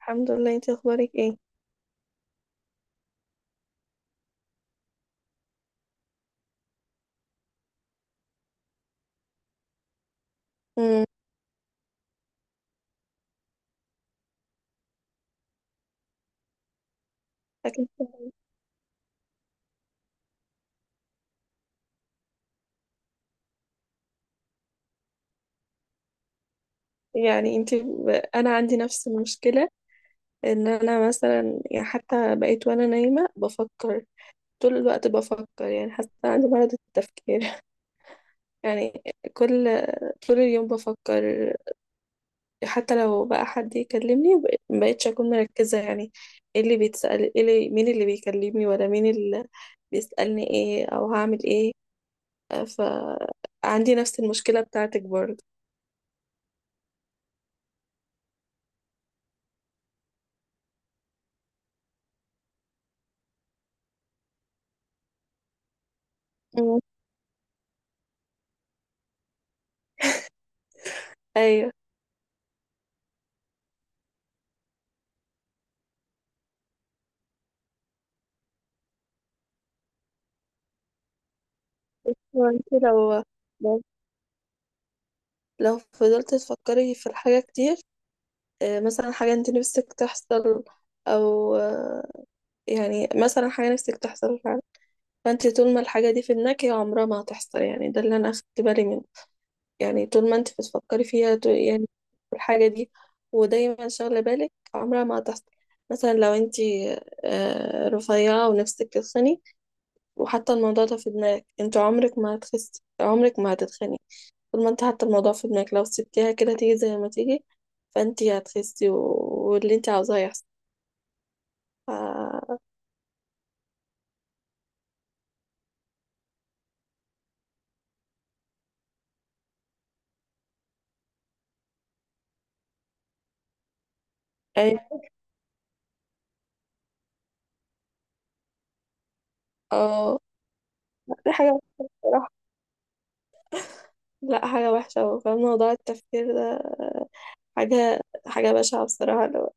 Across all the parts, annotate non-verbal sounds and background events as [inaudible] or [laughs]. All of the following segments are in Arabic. الحمد لله، انت اخبارك ايه؟ امم اكيد طبعاً. يعني انا عندي نفس المشكله، ان انا مثلا يعني حتى بقيت وانا نايمه بفكر، طول الوقت بفكر يعني حتى عندي مرض التفكير. [laughs] يعني كل طول اليوم بفكر. حتى لو بقى حد يكلمني، مبقتش اكون مركزه يعني، ايه اللي بيتسال، مين اللي بيكلمني ولا مين اللي بيسالني ايه او هعمل ايه. فعندي نفس المشكله بتاعتك برضه. امم. ايوه، وانت لو لو فضلت تفكري في الحاجة كتير، مثلا حاجة انت نفسك تحصل، او يعني مثلا حاجة نفسك تحصل فعلا، فانت طول ما الحاجة دي في دماغك هي عمرها ما هتحصل. يعني ده اللي انا اخدت بالي منه. يعني طول ما انت بتفكري فيها، يعني في الحاجة دي، ودايما شاغلة بالك، عمرها ما هتحصل. مثلا لو انت رفيعة ونفسك تتخني، وحتى الموضوع ده في دماغك، انت عمرك ما هتخسي، عمرك ما هتتخني. طول ما انت حاطه الموضوع في دماغك، لو سبتيها كده تيجي زي ما تيجي، فانت هتخسي واللي انت عاوزاه يحصل. ف... يعني، اه دي حاجة وحشة بصراحة. لا، حاجة وحشة أوي، فاهم موضوع التفكير ده. حاجة حاجة بشعة بصراحة.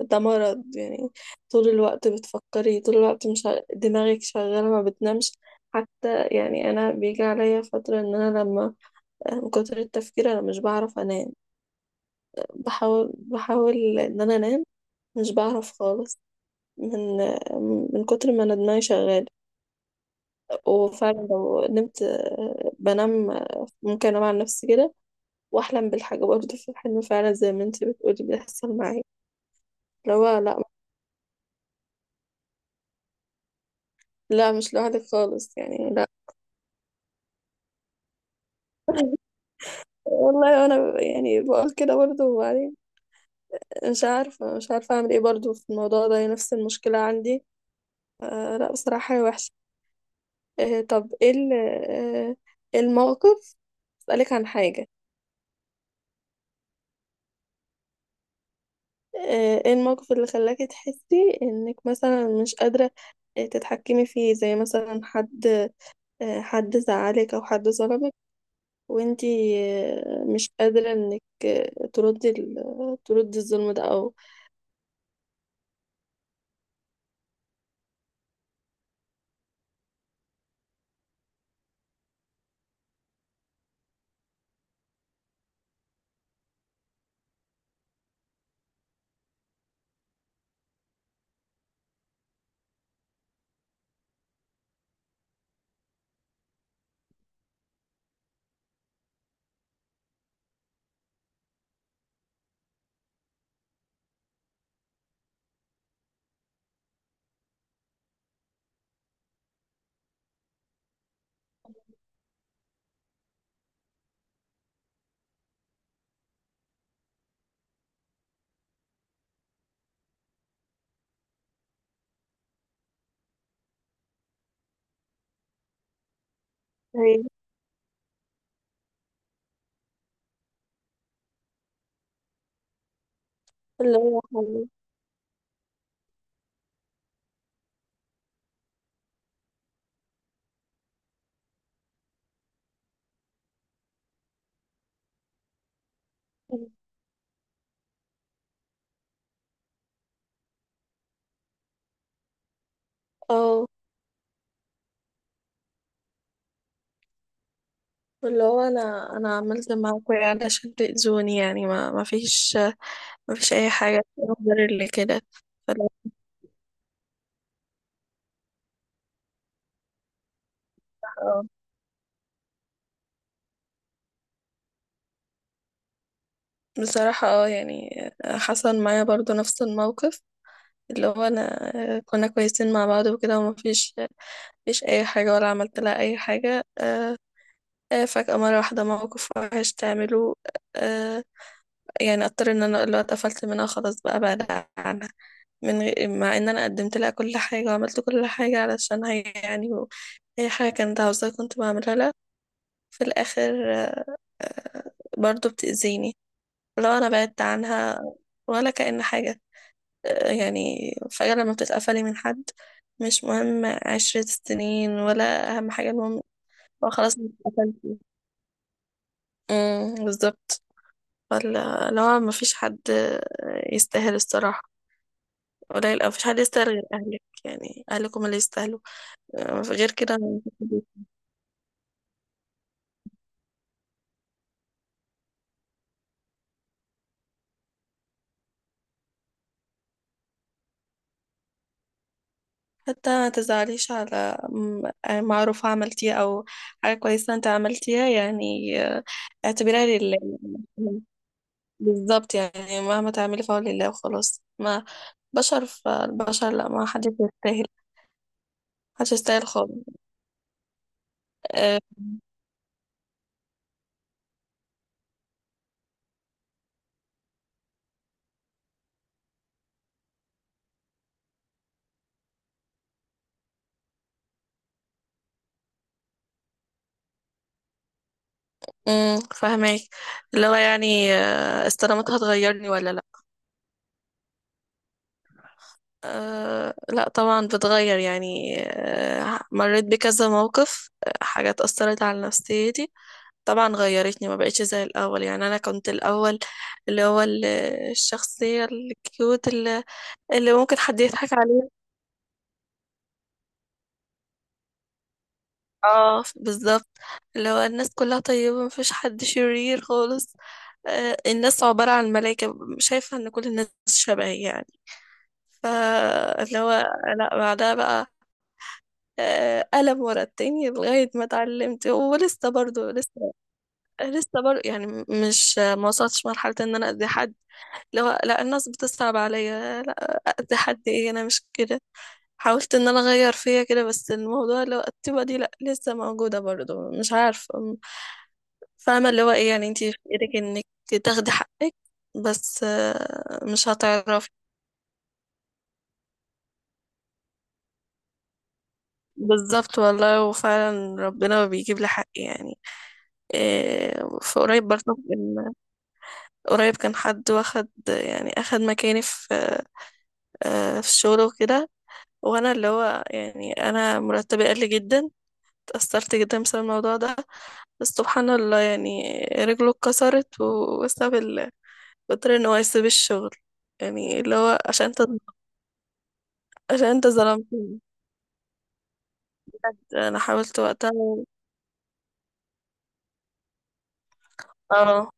ده مرض يعني. طول الوقت بتفكري، طول الوقت مش دماغك شغالة، ما بتنامش. حتى يعني أنا بيجي عليا فترة، إن أنا لما، من كتر التفكير أنا مش بعرف أنام. بحاول إن أنا أنام، مش بعرف خالص من من كتر ما انا دماغي شغال. وفعلا لو نمت، بنام، ممكن انام على نفسي كده، واحلم بالحاجه برضه في الحلم، فعلا زي ما انت بتقولي بيحصل معايا. لا، لا، مش لوحدك خالص يعني، لا. والله انا يعني بقول كده برضه. وبعدين مش عارفه اعمل ايه برضه في الموضوع ده، هي نفس المشكله عندي. آه لا، بصراحه هي وحشه. آه طب، إيه الموقف، اسالك عن حاجه. ايه الموقف اللي خلاكي تحسي انك مثلا مش قادرة تتحكمي فيه، زي مثلا حد، حد زعلك او حد ظلمك، وانتي مش قادرة انك تردي تردي الظلم ده او... أيوة. اللي هو حل- اه اللي هو انا عملت معاك ايه علشان تأذوني؟ يعني ما فيش اي حاجة تقدر اللي كده. فاللي هو- بصراحة اه، يعني حصل معايا برضو نفس الموقف. اللي هو انا كنا كويسين مع بعض وكده، ومفيش مفيش اي حاجة ولا عملت لها اي حاجة. فجأة مرة واحدة موقف وحش تعمله. آه، يعني اضطر ان انا اللي هو اتقفلت منها، خلاص بقى بعد عنها، من غير، مع ان انا قدمت لها كل حاجة وعملت كل حاجة علشان هي، يعني اي حاجة كانت عاوزاها كنت بعملها لها. في الاخر آه، برضو بتأذيني. لو انا بعدت عنها، ولا كأن حاجة. يعني فجأة لما بتتقفلي من حد، مش مهم 10 سنين، ولا أهم حاجة، المهم هو خلاص انت اتقفلتي. بالظبط. ولا لو مفيش حد يستاهل، الصراحة قليل أو مفيش حد يستاهل غير أهلك، يعني أهلك هم اللي يستاهلوا. غير كده مفيش حد. حتى ما تزعليش على معروف عملتيه، أو حاجة كويسة أنت عملتيها، يعني. اعتبرها لله. بالظبط، يعني مهما تعملي فهو لله وخلاص، ما بشر فالبشر لا، ما حدش يستاهل، محدش يستاهل خالص. أه، فهماك، اللي هو يعني استلامتها هتغيرني ولا لا؟ أه لا، طبعا بتغير، يعني مريت بكذا موقف، حاجات أثرت على نفسيتي. طبعا غيرتني، ما بقتش زي الأول. يعني أنا كنت الأول اللي هو الشخصية الكيوت اللي ممكن حد يضحك عليها. اه بالظبط، لو الناس كلها طيبة مفيش حد شرير خالص، الناس عبارة عن ملايكة، شايفة ان كل الناس شبه يعني. فاللي هو لا، بعدها بقى قلم ورا التاني لغاية ما اتعلمت. ولسه برضو لسه برضو يعني، مش، ما وصلتش مرحلة ان انا اذي حد. اللي هو لا، الناس بتصعب عليا، لا اذي حد ايه، انا مش كده. حاولت ان انا اغير فيا كده، بس الموضوع اللي هو الطيبة دي لا لسه موجودة برضو، مش عارفة. فاهمة، اللي هو ايه يعني، انتي في ايدك انك تاخدي حقك، بس مش هتعرفي. بالظبط والله، وفعلا ربنا بيجيب لي حقي يعني. إيه، في قريب برضه قريب كان حد واخد، يعني اخد مكاني في في الشغل وكده، وانا اللي هو، يعني انا مرتبي قل جدا، اتأثرت جدا بسبب الموضوع ده. بس سبحان الله، يعني رجله اتكسرت، وبسبب اضطر ان هو يسيب الشغل. يعني اللي هو عشان انت ظلمت. انا حاولت وقتها. اه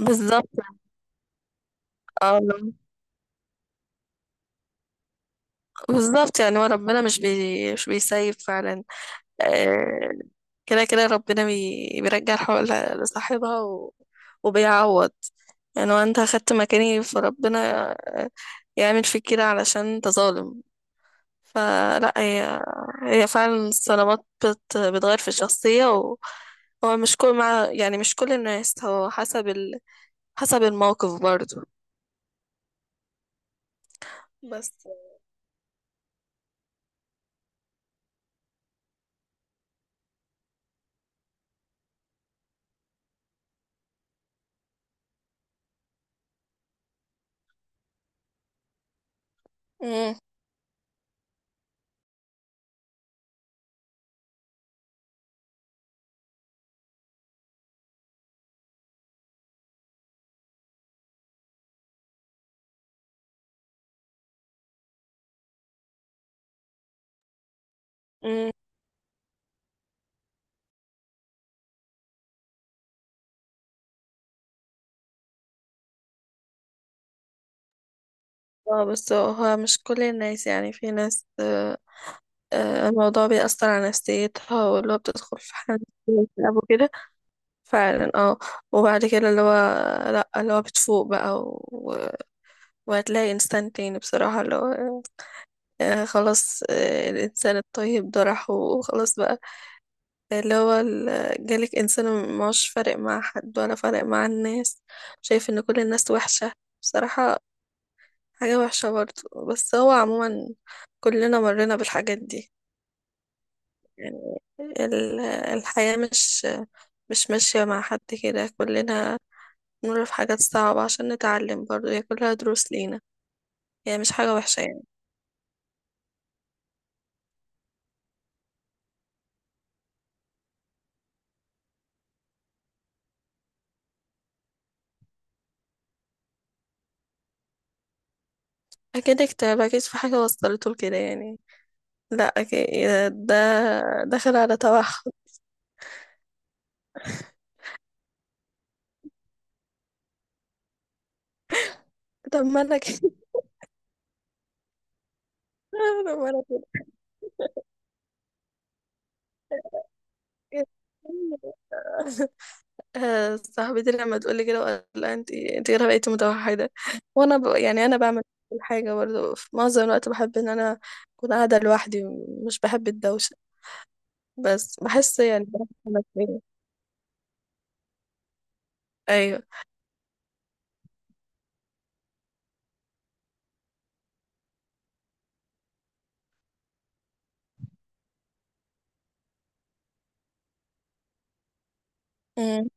بالظبط، اه بالظبط، يعني هو ربنا مش بيسيب فعلا. آه، كده كده ربنا بيرجع الحق لصاحبها وبيعوض. يعني هو انت اخدت مكاني، فربنا آه، يعمل فيك كده علشان انت ظالم. فلا، هي هي فعلا الصدمات بتغير في الشخصية هو مش كل الناس، هو حسب حسب الموقف برضو. بس. مم. اه بس هو مش كل الناس، يعني في ناس الموضوع بيأثر على نفسيتها، واللي هو بتدخل في حالة اكتئاب وكده. فعلا اه، وبعد كده اللي هو لأ، اللي هو بتفوق بقى وهتلاقي إنسان تاني بصراحة، اللي هو خلاص، الإنسان الطيب ده راح وخلاص بقى. اللي هو جالك إنسان مش فارق مع حد، ولا فارق مع الناس، شايف إن كل الناس وحشة. بصراحة حاجة وحشة برضه، بس هو عموما كلنا مرينا بالحاجات دي، يعني ال- الحياة مش ماشية مع حد، كده كلنا نمر في حاجات صعبة عشان نتعلم، برضه هي كلها دروس لينا. هي مش حاجة وحشة يعني. أكيد اكتئاب، أكيد في حاجة وصلته لكده يعني، لا أكيد، ده داخل على توحد. طب ما أنا كده. [laughs] طب ما أنا كده صاحبتي لما تقول لي كده، وقال لها انت كده بقيتي متوحده. وانا يعني انا بعمل كل حاجه برضه، في معظم الوقت بحب ان انا اكون قاعده لوحدي، مش بحب الدوشه، بس بحس يعني بحس نفسيا. ايوه. مم.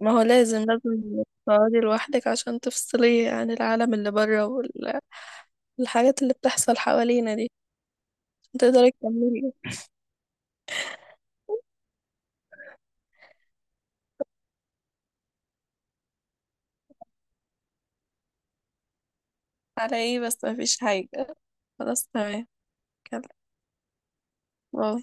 ما هو لازم تقعدي لوحدك عشان تفصلي عن العالم اللي بره، والحاجات اللي بتحصل حوالينا دي. تقدري تكملي؟ على ايه بس، ما فيش حاجه، خلاص تمام، كده باي.